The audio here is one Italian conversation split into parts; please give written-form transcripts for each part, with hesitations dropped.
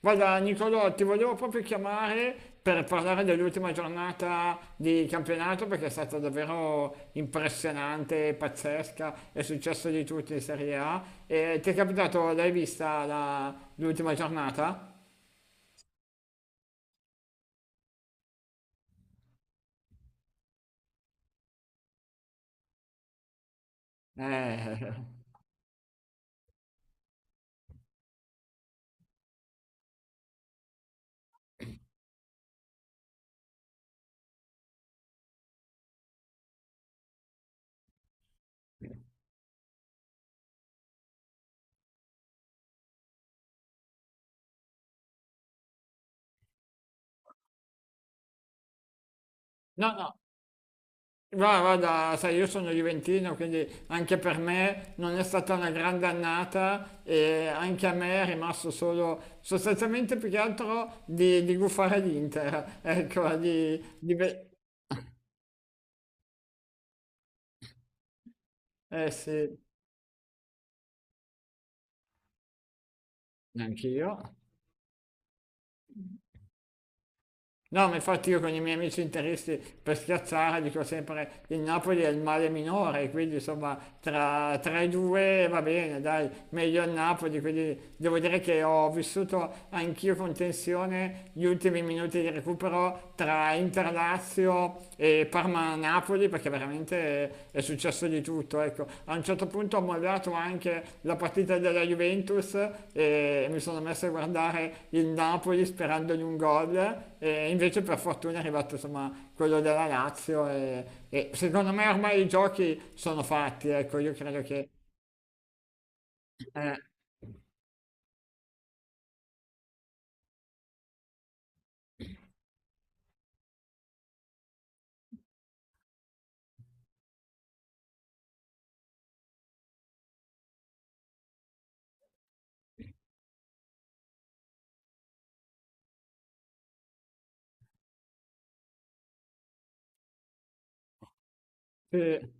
Guarda, Nicolò, ti volevo proprio chiamare per parlare dell'ultima giornata di campionato perché è stata davvero impressionante, pazzesca, è successo di tutto in Serie A. E ti è capitato, l'ultima giornata? Eh. No, no. Guarda, guarda, sai, io sono Juventino, quindi anche per me non è stata una grande annata e anche a me è rimasto solo sostanzialmente più che altro di gufare l'Inter, ecco, Eh sì, neanch'io. No, ma infatti io con i miei amici interisti per schiazzare dico sempre il Napoli è il male minore, quindi insomma tra i due va bene, dai, meglio il Napoli, quindi devo dire che ho vissuto anch'io con tensione gli ultimi minuti di recupero tra Interlazio e Parma-Napoli, sì, perché veramente è successo di tutto, ecco. A un certo punto ho mollato anche la partita della Juventus e mi sono messo a guardare il Napoli sperando in un gol e invece per fortuna è arrivato insomma quello della Lazio e secondo me ormai i giochi sono fatti, ecco, io credo che... eh, sì.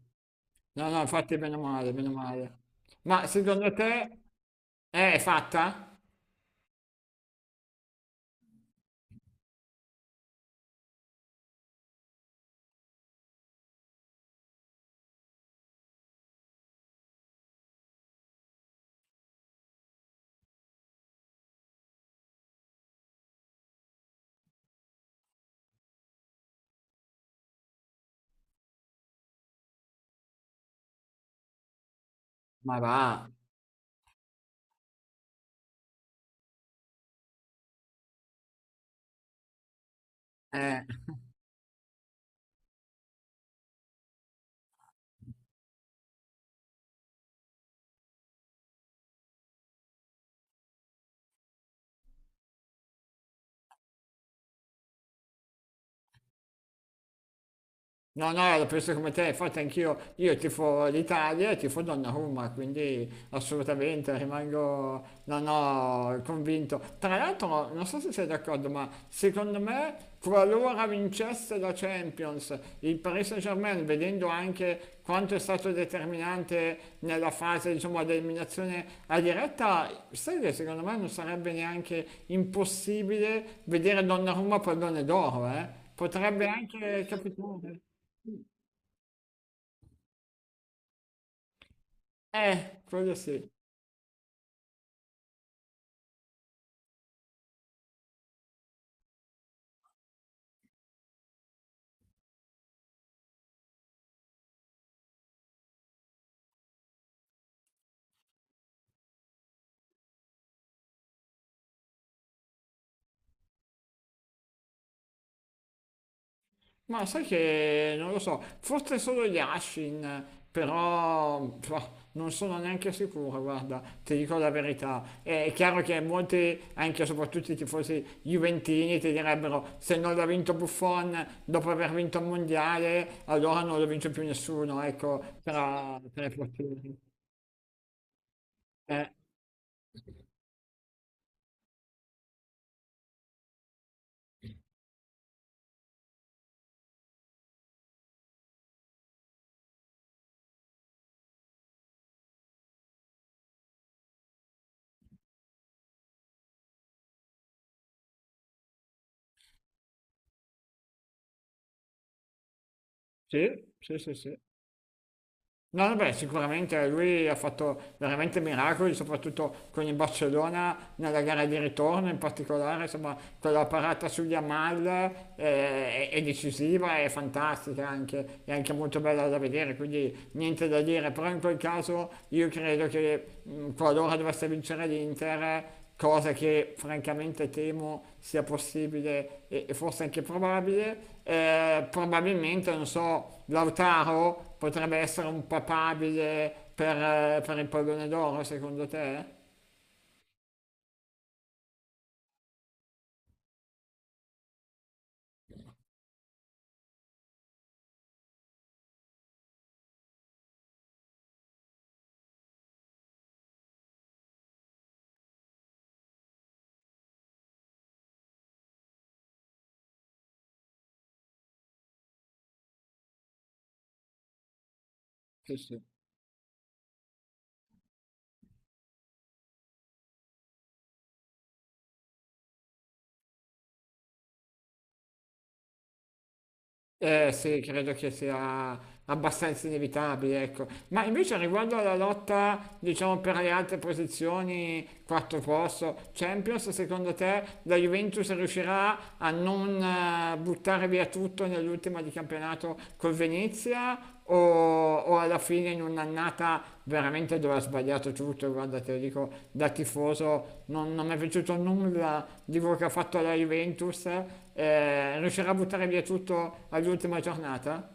No, no, infatti meno male, meno male. Ma secondo te è fatta? Ma va, eh. No, no, la penso come te, infatti anch'io, io tifo l'Italia e tifo Donnarumma, quindi assolutamente rimango, no, no, convinto. Tra l'altro, non so se sei d'accordo, ma secondo me, qualora vincesse la Champions, il Paris Saint-Germain, vedendo anche quanto è stato determinante nella fase, diciamo, ad eliminazione a diretta, sai che secondo me non sarebbe neanche impossibile vedere Donnarumma pallone d'oro, eh? Potrebbe anche capitare. Quello sì. Ma sai che non lo so, forse solo Yashin, però pff, non sono neanche sicuro, guarda, ti dico la verità. È chiaro che molti, anche e soprattutto i tifosi juventini, ti direbbero se non l'ha vinto Buffon dopo aver vinto il mondiale, allora non lo vince più nessuno, ecco, tra i portieri. Eh, sì, sì, sì, sì. No, vabbè, sicuramente lui ha fatto veramente miracoli, soprattutto con il Barcellona nella gara di ritorno, in particolare, insomma, quella parata sugli Amal, è decisiva, è fantastica anche, è anche molto bella da vedere, quindi niente da dire, però in quel caso io credo che qualora dovesse vincere l'Inter, cosa che francamente temo sia possibile e forse anche probabile. Probabilmente, non so, Lautaro potrebbe essere un papabile per il pallone d'oro, secondo te? Sì, sì. Eh sì, credo che sia abbastanza inevitabile, ecco. Ma invece riguardo alla lotta, diciamo, per le altre posizioni, quarto posto, Champions, secondo te la Juventus riuscirà a non, buttare via tutto nell'ultima di campionato col Venezia? O o alla fine in un'annata veramente dove ha sbagliato tutto, guarda, te lo dico da tifoso, non mi è piaciuto nulla di quello che ha fatto la Juventus, riuscirà a buttare via tutto all'ultima giornata?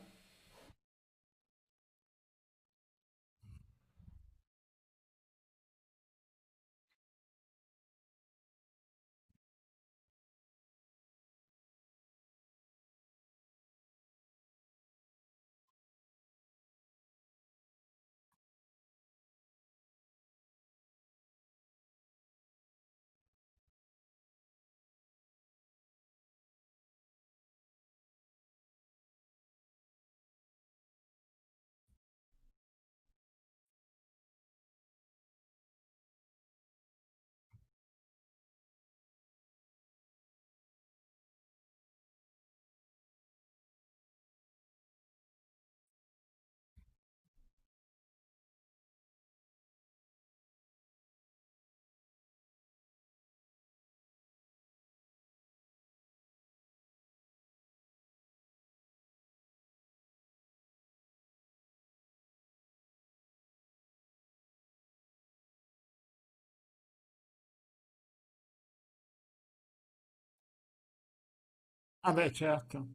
Vabbè certo,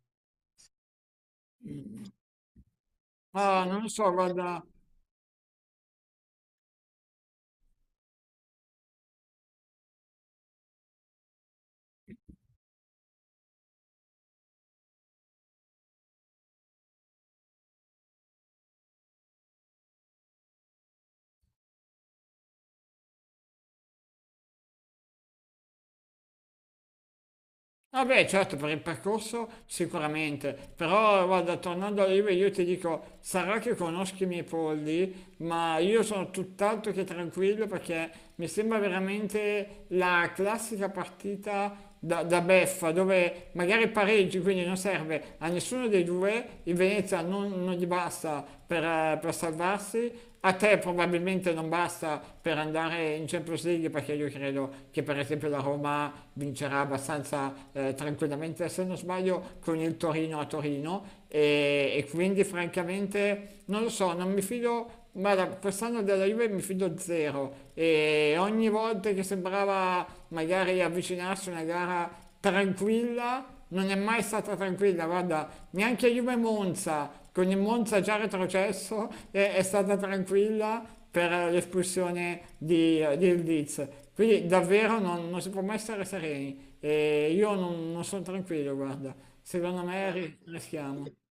ma non lo so, guarda. Vabbè, certo, per il percorso sicuramente, però guarda, tornando all'IVA io ti dico, sarà che conosco i miei polli, ma io sono tutt'altro che tranquillo perché mi sembra veramente la classica partita da beffa, dove magari pareggi, quindi non serve a nessuno dei due, il Venezia non gli basta per per salvarsi. A te probabilmente non basta per andare in Champions League perché io credo che per esempio la Roma vincerà abbastanza, tranquillamente, se non sbaglio, con il Torino a Torino e quindi francamente non lo so, non mi fido. Guarda, quest'anno della Juve mi fido zero e ogni volta che sembrava magari avvicinarsi a una gara tranquilla, non è mai stata tranquilla, guarda, neanche Juve Monza, con il Monza già retrocesso, è stata tranquilla per l'espulsione di Ildiz. Quindi davvero non si può mai stare sereni. E io non sono tranquillo, guarda. Secondo me rischiamo.